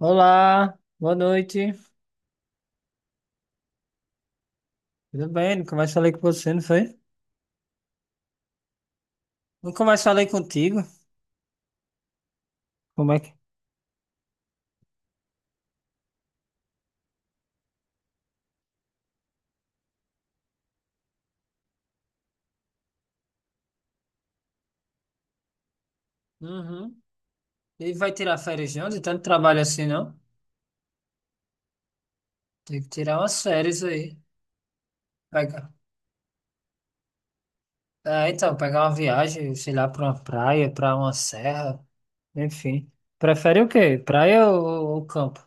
Olá, boa noite. Tudo bem? Nunca mais falei com você, não foi? Nunca mais falei contigo. Como é que. Uhum. E vai tirar férias de onde? Tanto trabalho assim, não? Tem que tirar umas férias aí. Pega. É, então, pegar uma viagem, sei lá, pra uma praia, pra uma serra. Enfim. Prefere o quê? Praia ou campo?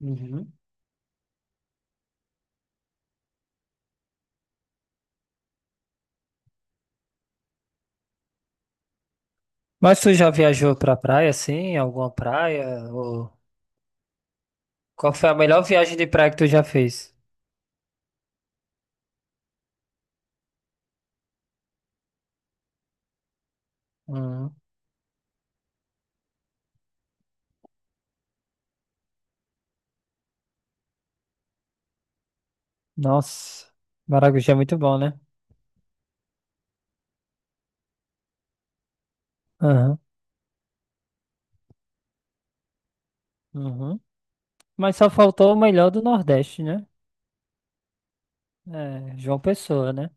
Uhum. Mas tu já viajou pra praia, assim? Alguma praia? Ou... Qual foi a melhor viagem de praia que tu já fez? Uhum. Nossa, Maracujá é muito bom, né? Aham, uhum. Mas só faltou o melhor do Nordeste, né? É, João Pessoa, né?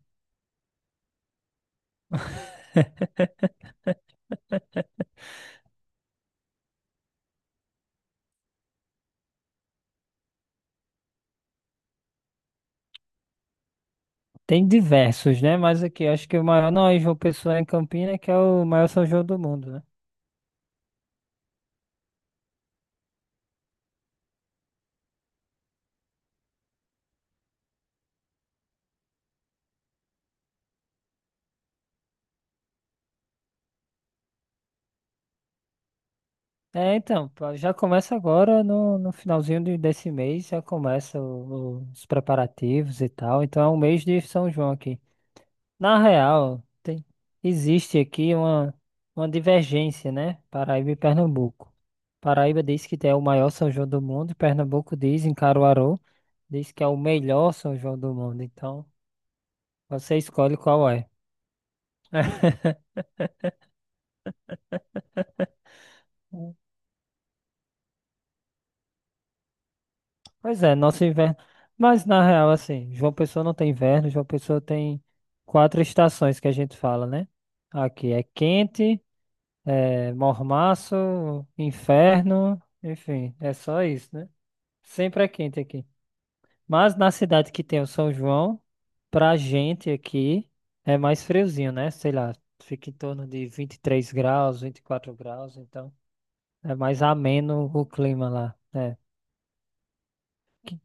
Tem diversos, né? Mas aqui acho que o maior não é João Pessoa, é em Campinas, que é o maior São João do mundo, né? É, então, pá, já começa agora no finalzinho desse mês, já começa os preparativos e tal. Então é um mês de São João aqui. Na real, existe aqui uma divergência, né? Paraíba e Pernambuco. Paraíba diz que é o maior São João do mundo, e Pernambuco diz, em Caruaru, diz que é o melhor São João do mundo. Então, você escolhe qual é. Pois é, nosso inverno. Mas na real, assim, João Pessoa não tem inverno, João Pessoa tem quatro estações, que a gente fala, né? Aqui é quente, é mormaço, inferno, enfim, é só isso, né? Sempre é quente aqui. Mas na cidade que tem o São João, pra gente aqui é mais friozinho, né? Sei lá, fica em torno de 23 graus, 24 graus, então é mais ameno o clima lá. É, Que-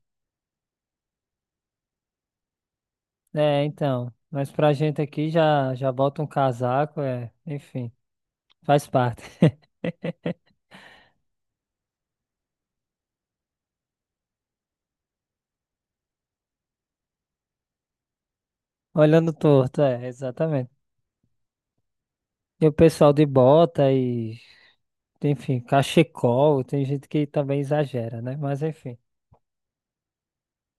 é então. Mas pra gente aqui já bota um casaco, é, enfim, faz parte. Olhando torto, é, exatamente. E o pessoal de bota e, enfim, cachecol, tem gente que também exagera, né? Mas enfim.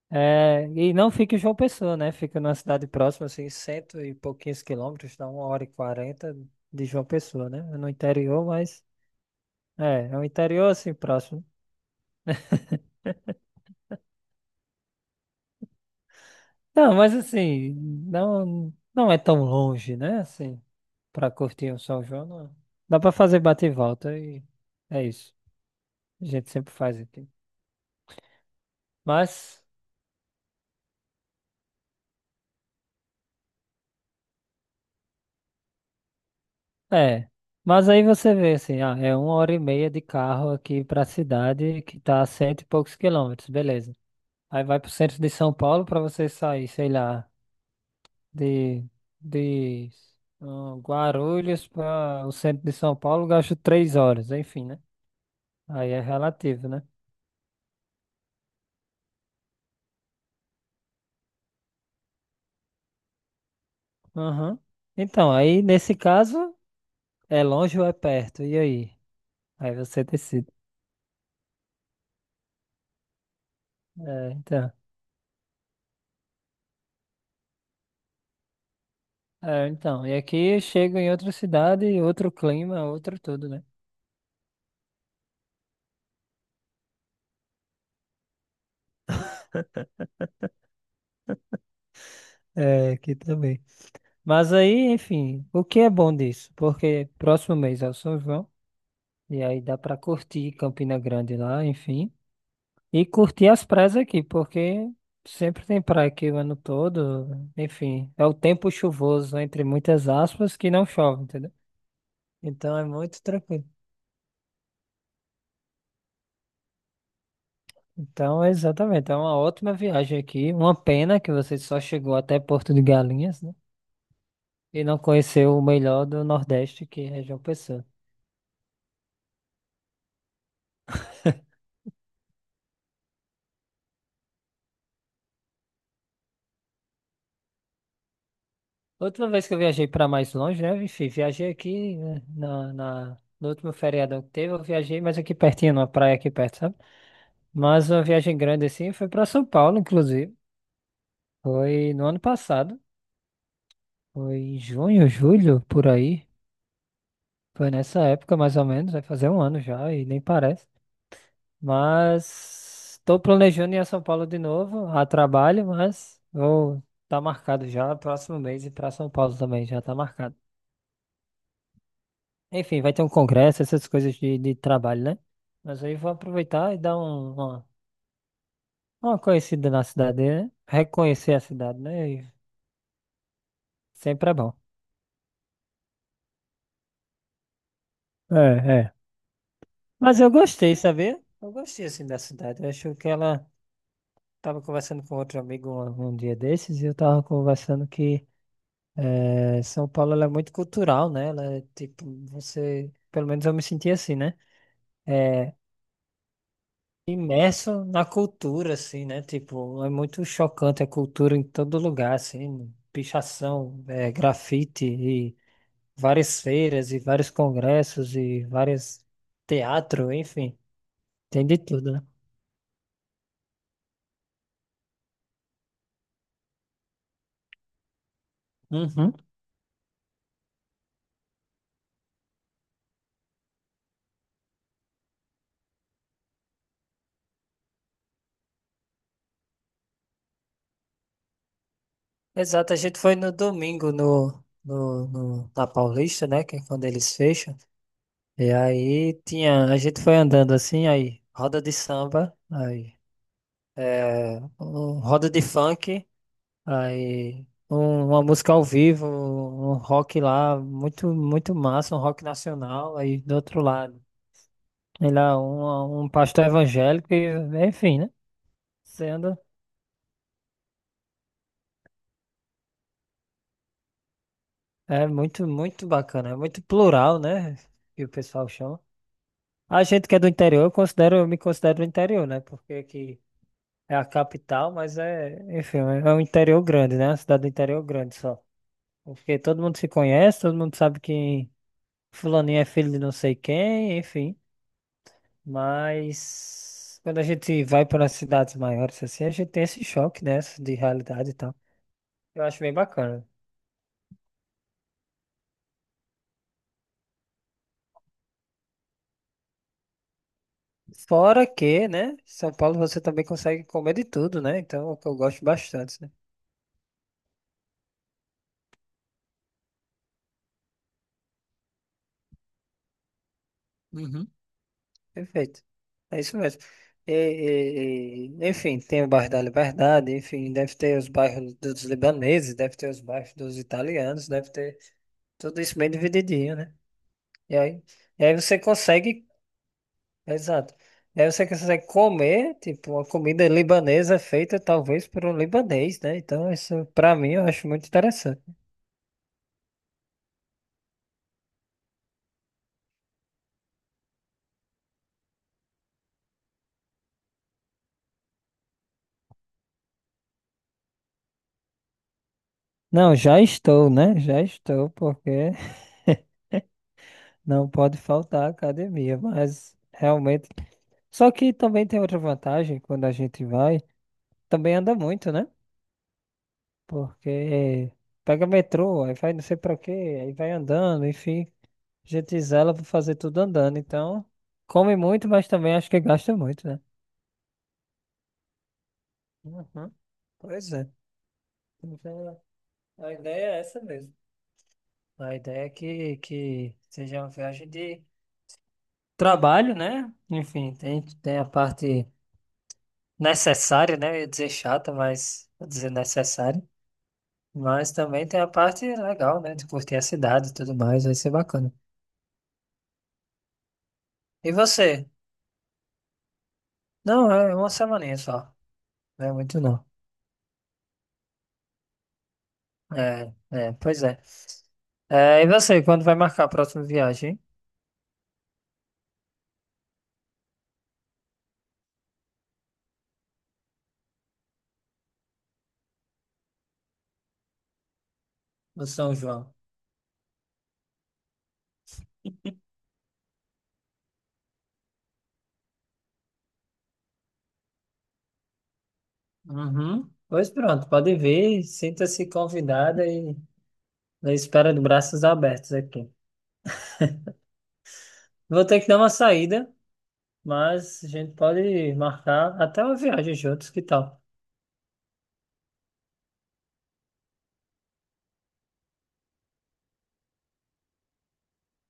É, e não fica em João Pessoa, né? Fica numa cidade próxima, assim, cento e pouquinhos quilômetros, dá uma hora e quarenta de João Pessoa, né? É no interior, mas é, é um interior assim próximo. Não, mas assim, não, não é tão longe, né? Assim, pra curtir o São João, não. Dá pra fazer bate e volta e é isso. A gente sempre faz aqui. Mas, é. Mas aí você vê assim, ah, é uma hora e meia de carro aqui pra cidade que tá a cento e poucos quilômetros, beleza. Aí vai pro centro de São Paulo pra você sair, sei lá, de, de ah, Guarulhos para o centro de São Paulo, gasto 3 horas, enfim, né? Aí é relativo, né? Aham. Então, aí nesse caso, é longe ou é perto? E aí? Aí você decide. É, então. É, então, e aqui eu chego em outra cidade, outro clima, outro tudo, né? É, aqui também. Mas aí, enfim, o que é bom disso? Porque próximo mês é o São João. E aí dá pra curtir Campina Grande lá, enfim. E curtir as praias aqui, porque sempre tem praia aqui o ano todo. Enfim, é o tempo chuvoso, entre muitas aspas, que não chove, entendeu? Então é muito tranquilo. Então, exatamente, é uma ótima viagem aqui. Uma pena que você só chegou até Porto de Galinhas, né? E não conheceu o melhor do Nordeste, que é João Pessoa. Outra vez que eu viajei para mais longe, né? Enfim, viajei aqui, né, no último feriadão que teve, eu viajei mais aqui pertinho, numa praia aqui perto, sabe? Mas uma viagem grande assim foi para São Paulo, inclusive. Foi no ano passado, foi em junho, julho, por aí. Foi nessa época, mais ou menos, vai fazer um ano já e nem parece. Mas estou planejando ir a São Paulo de novo, a trabalho, mas vou tá marcado já, próximo mês, e para São Paulo também já tá marcado. Enfim, vai ter um congresso, essas coisas de trabalho, né? Mas aí vou aproveitar e dar uma conhecida na cidade, né? Reconhecer a cidade, né? E sempre é bom. É, é. Mas eu gostei, sabia? Eu gostei, assim, da cidade. Eu acho que ela... Tava conversando com outro amigo um dia desses e eu tava conversando que São Paulo ela é muito cultural, né? Ela é tipo, você... Pelo menos eu me senti assim, né? Eh, imerso na cultura, assim, né? Tipo, é muito chocante a cultura em todo lugar, assim, pichação, é, grafite e várias feiras e vários congressos e vários teatro, enfim, tem de tudo, né? Uhum. Exato, a gente foi no domingo na Paulista, né? Que é quando eles fecham. E aí tinha, a gente foi andando assim, aí roda de samba, aí é, roda de funk. Aí, uma música ao vivo, um rock lá, muito, muito massa, um rock nacional. Aí do outro lado, sei lá, um pastor evangélico, e, enfim, né? Sendo, é muito, muito bacana, é muito plural, né? Que o pessoal chama. A gente que é do interior, eu considero, eu me considero do interior, né? Porque aqui é a capital, mas é, enfim, é um interior grande, né? Uma cidade do interior grande só. Porque todo mundo se conhece, todo mundo sabe que fulaninho é filho de não sei quem, enfim. Mas quando a gente vai para cidades maiores assim, a gente tem esse choque, né, de realidade e tal. Eu acho bem bacana. Fora que, né, São Paulo você também consegue comer de tudo, né? Então, é o que eu gosto bastante, né? Uhum. Perfeito. É isso mesmo. E, enfim, tem o bairro da Liberdade, enfim, deve ter os bairros dos libaneses, deve ter os bairros dos italianos, deve ter tudo isso bem divididinho, né? E aí, e aí você consegue exato. Aí você consegue comer, tipo, uma comida libanesa feita talvez por um libanês, né? Então, isso pra mim eu acho muito interessante. Não, já estou, né? Já estou, porque não pode faltar a academia, mas realmente. Só que também tem outra vantagem: quando a gente vai, também anda muito, né? Porque pega metrô, aí vai não sei pra quê, aí vai andando, enfim, a gente zela pra fazer tudo andando. Então, come muito, mas também acho que gasta muito, né? Uhum. Pois é. Então, a ideia é essa mesmo. A ideia é que seja uma viagem de trabalho, né? Enfim, tem, tem a parte necessária, né? Eu ia dizer chata, mas vou dizer necessária. Mas também tem a parte legal, né? De curtir a cidade e tudo mais, vai ser bacana. E você? Não, é uma semaninha só. Não é muito, não. É, é, pois é. É, e você, quando vai marcar a próxima viagem, hein? Do São João. Uhum. Pois pronto, pode vir, sinta-se convidada e na espera de braços abertos aqui. Vou ter que dar uma saída, mas a gente pode marcar até uma viagem juntos, que tal?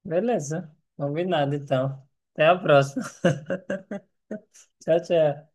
Beleza, combinado então. Até a próxima. Tchau, tchau.